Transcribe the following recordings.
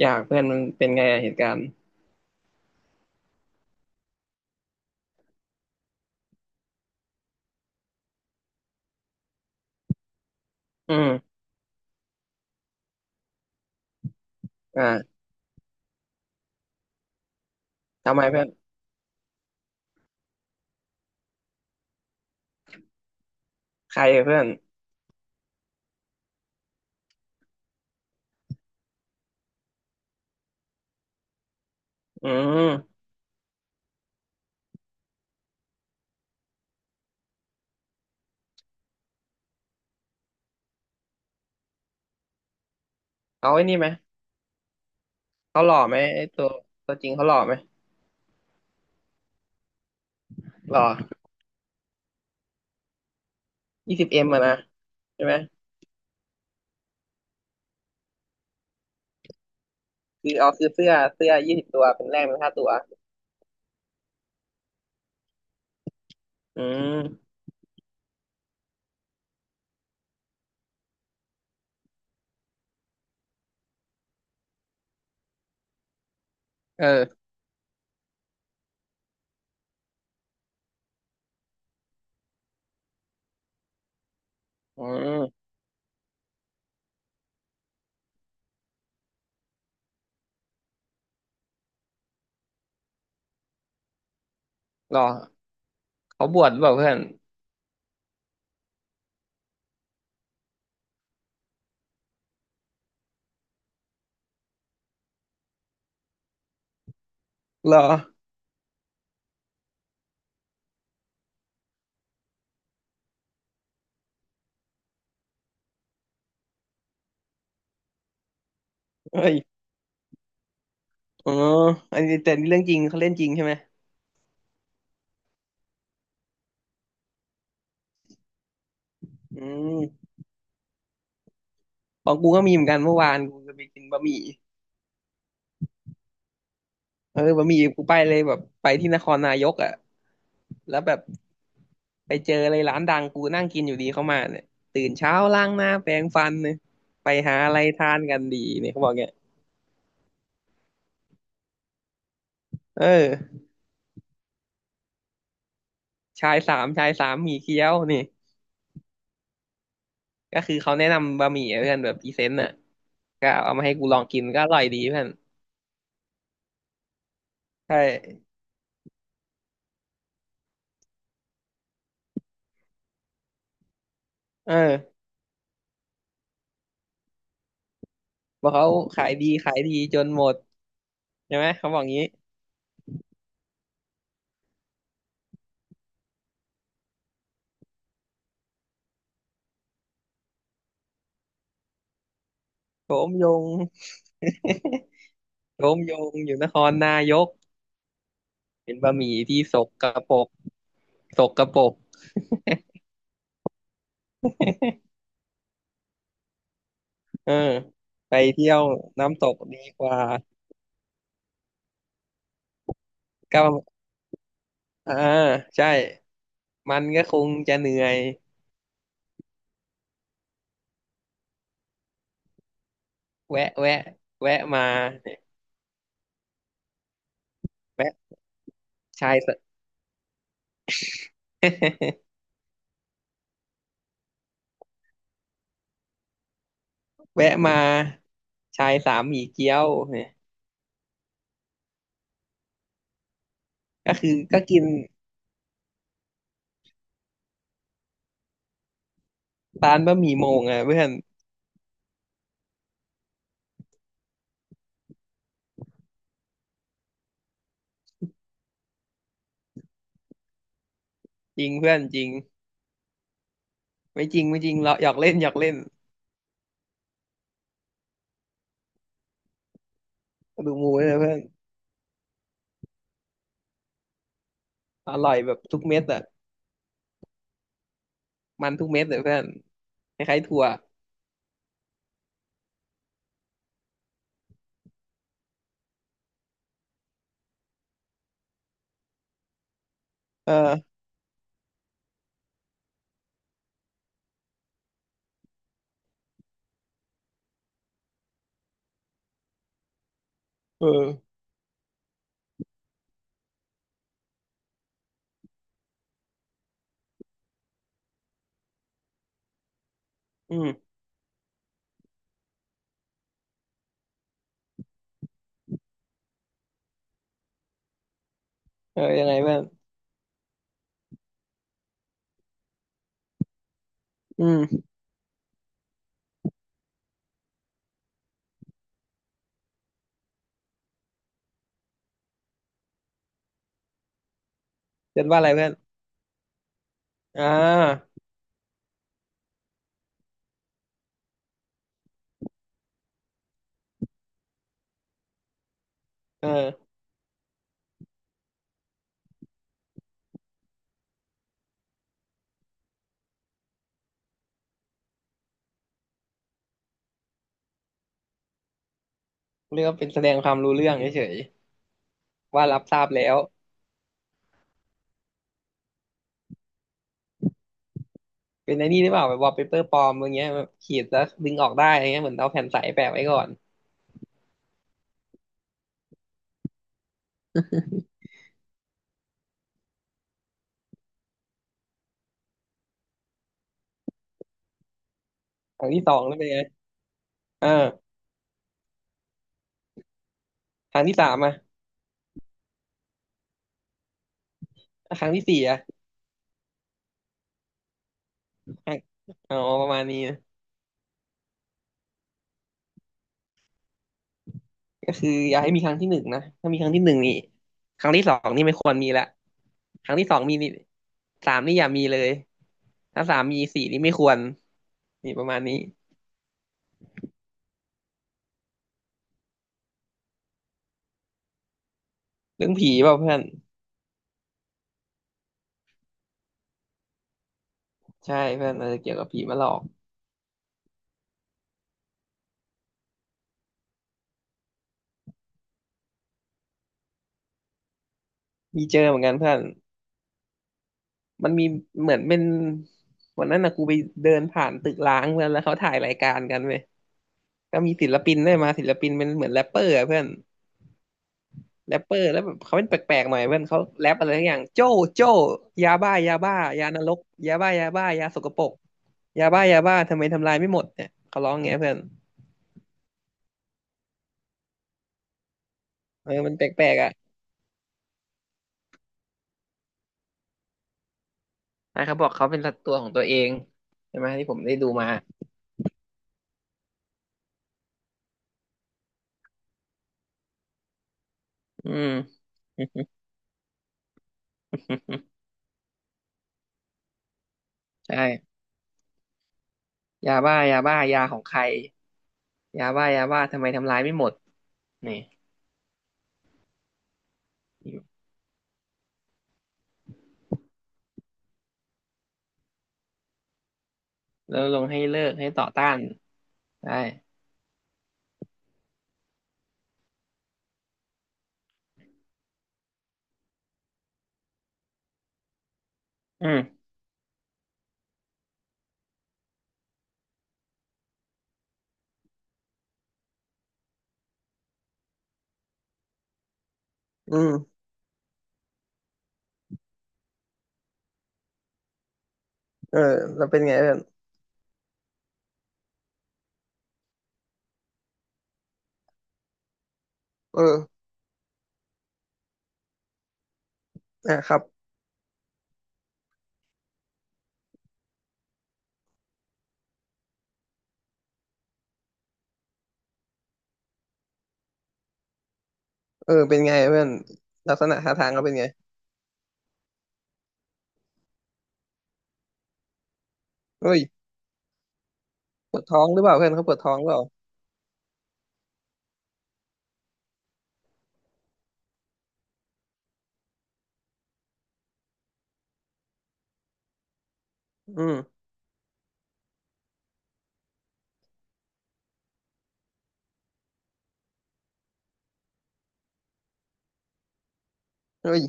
อยากเพื่อนมันเป็นไงอะเหตุการณ์อืมอ่าทำไมเพื่อนใครอะเพื่อนอืมเขาไอ้นี่ไหมเขาหล่อไหมไอ้ตัวตัวจริงเขาหล่อไหมหล่อ20Mอะนะใช่ไหมคือเอาซื้อเสื้อเสื้อ20 ตัวเป็นแรกเป็นค่าตัวอืมเอออืมหล่อเขาบวชหรือเปล่าเพื่อนหล่อเอ้ยอ๋ออันนี้แต่นี่เรื่องจริงเขาเล่นจริงใช่ไหมอืมของกูก็มีเหมือนกันเมื่อวานกูจะไปกินบะหมี่เออบะหมี่กูไปเลยแบบไปที่นครนายกอ่ะแล้วแบบ ไปเจอเลยร้านดังกูนั่งกินอยู่ดีเข้ามาเนี่ยตื่นเช้าล้างหน้าแปรงฟันเนี่ยไปหาอะไรทานกันดีเนี่ยเขาบอกเนี่ยเออชายสามชายสามหมี่เกี๊ยวนี่ก็คือเขาแนะนำบะหมี่อหเพื่อนแบบพรีเซนต์อ่ะก็เอามาให้กูลองกินก็อร่อยดีเพื่อนใช่เออบอกเขาขายดีขายดีจนหมดใช่ไหมเขาบอกงี้โฉมยง โฉมยงอยู่นครนายกเป็นบะหมี่ที่สกปรกสกปรกเออไปเที่ยวน้ำตกดีกว่า ก็ประมาณอ่าใช่มันก็คงจะเหนื่อยแวะแวะแวะมาแวะชายส แวะมาชายสามหมี่เกี๊ยวเนี่ยก็คือก็กินร้านบะหมี่โมงอ่ะเพื่อนจริงเพื่อนจริงไม่จริงไม่จริงเราหยอกเล่นหยอกเล่นดูมูเลยเพื่อนอร่อยแบบทุกเม็ดอ่ะมันทุกเม็ดเลยเพื่อนคล้ายๆถั่วเออเอออืมเออยังไงเพื่อนอืมเรียนว่าอะไรเพื่อนอ่าเออเรียกว่าเป็นแสดงความรู้เรื่องเฉย ว่ารับทราบแล้วเป็นไอ้นี่หรือเปล่าแบบวอลเปเปอร์ปลอมอะไรเงี้ยแบบขีดแล้วดึงออกได้อะไรเงี้ยเหมือนเอาแผ่นใสแปะไว้ก่อนครั้งที่สองแล้วเป็นไงอ่าครั้งที่สามอ่ะครั้งที่สี่อ่ะครั้งอ๋อประมาณนี้นะก็คืออย่าให้มีครั้งที่หนึ่งนะถ้ามีครั้งที่หนึ่งนี่ครั้งที่สองนี่ไม่ควรมีละครั้งที่สองมีนี่สามนี่อย่ามีเลยถ้าสามมีสี่นี่ไม่ควรนี่ประมาณนี้เรื่องผีเปล่าเพื่อนใช่เพื่อนอาจจะเกี่ยวกับผีมาหลอกมีเจอเหมือนกันเพื่อน มันมีเหมือนเป็นวันนั้นนะกูไปเดินผ่านตึกร้างเพื่อนแล้วเขาถ่ายรายการกันเว้ยก็มีศิลปินได้วยมาศิลปินเป็นเหมือนแรปเปอร์อะเพื่อนแรปเปอร์แล้วแบบเขาเป็นแปลกๆหน่อยเพื่อนเขาแรปอะไรทักอย่างโจ้โจ้ยาบ้ายาบ้ายานรกยาบ้ายาบ้ายาสกปรกยาบ้ายาบ้าทำไมทำลายไม่หมดเนี่ยเขาร้ององเงี้ยเพื่อนเออมันแปลกๆอ่ะอ่ะเขาบอกเขาเป็นัวตัวของตัวเองใช่ไหมที่ผมได้ดูมาอืม ใช่ยาบ้ายาบ้ายาของใคร ยาบ้ายาบ้าทำไมทำร้ายไม่หมดนี่แล้วลงให้เลิกให้ต่อต้านได้อืมอืมเออแล้วเป็นไงเพื่อนเอออ่ะครับเออเป็นไงเพื่อนลักษณะท่าทางเขาเป็นไงเฮ้ยปวดท้องหรือเปล่าเพื่อนเขาปวดท้องหรือเปล่าอืมเฮ้ย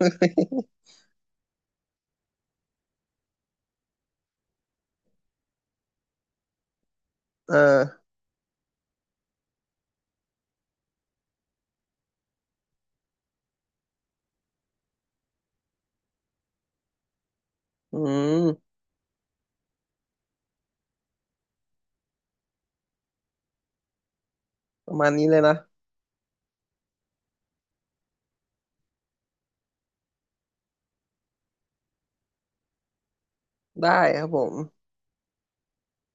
เอออืมประมาณนี้เลยนะได้ครับผม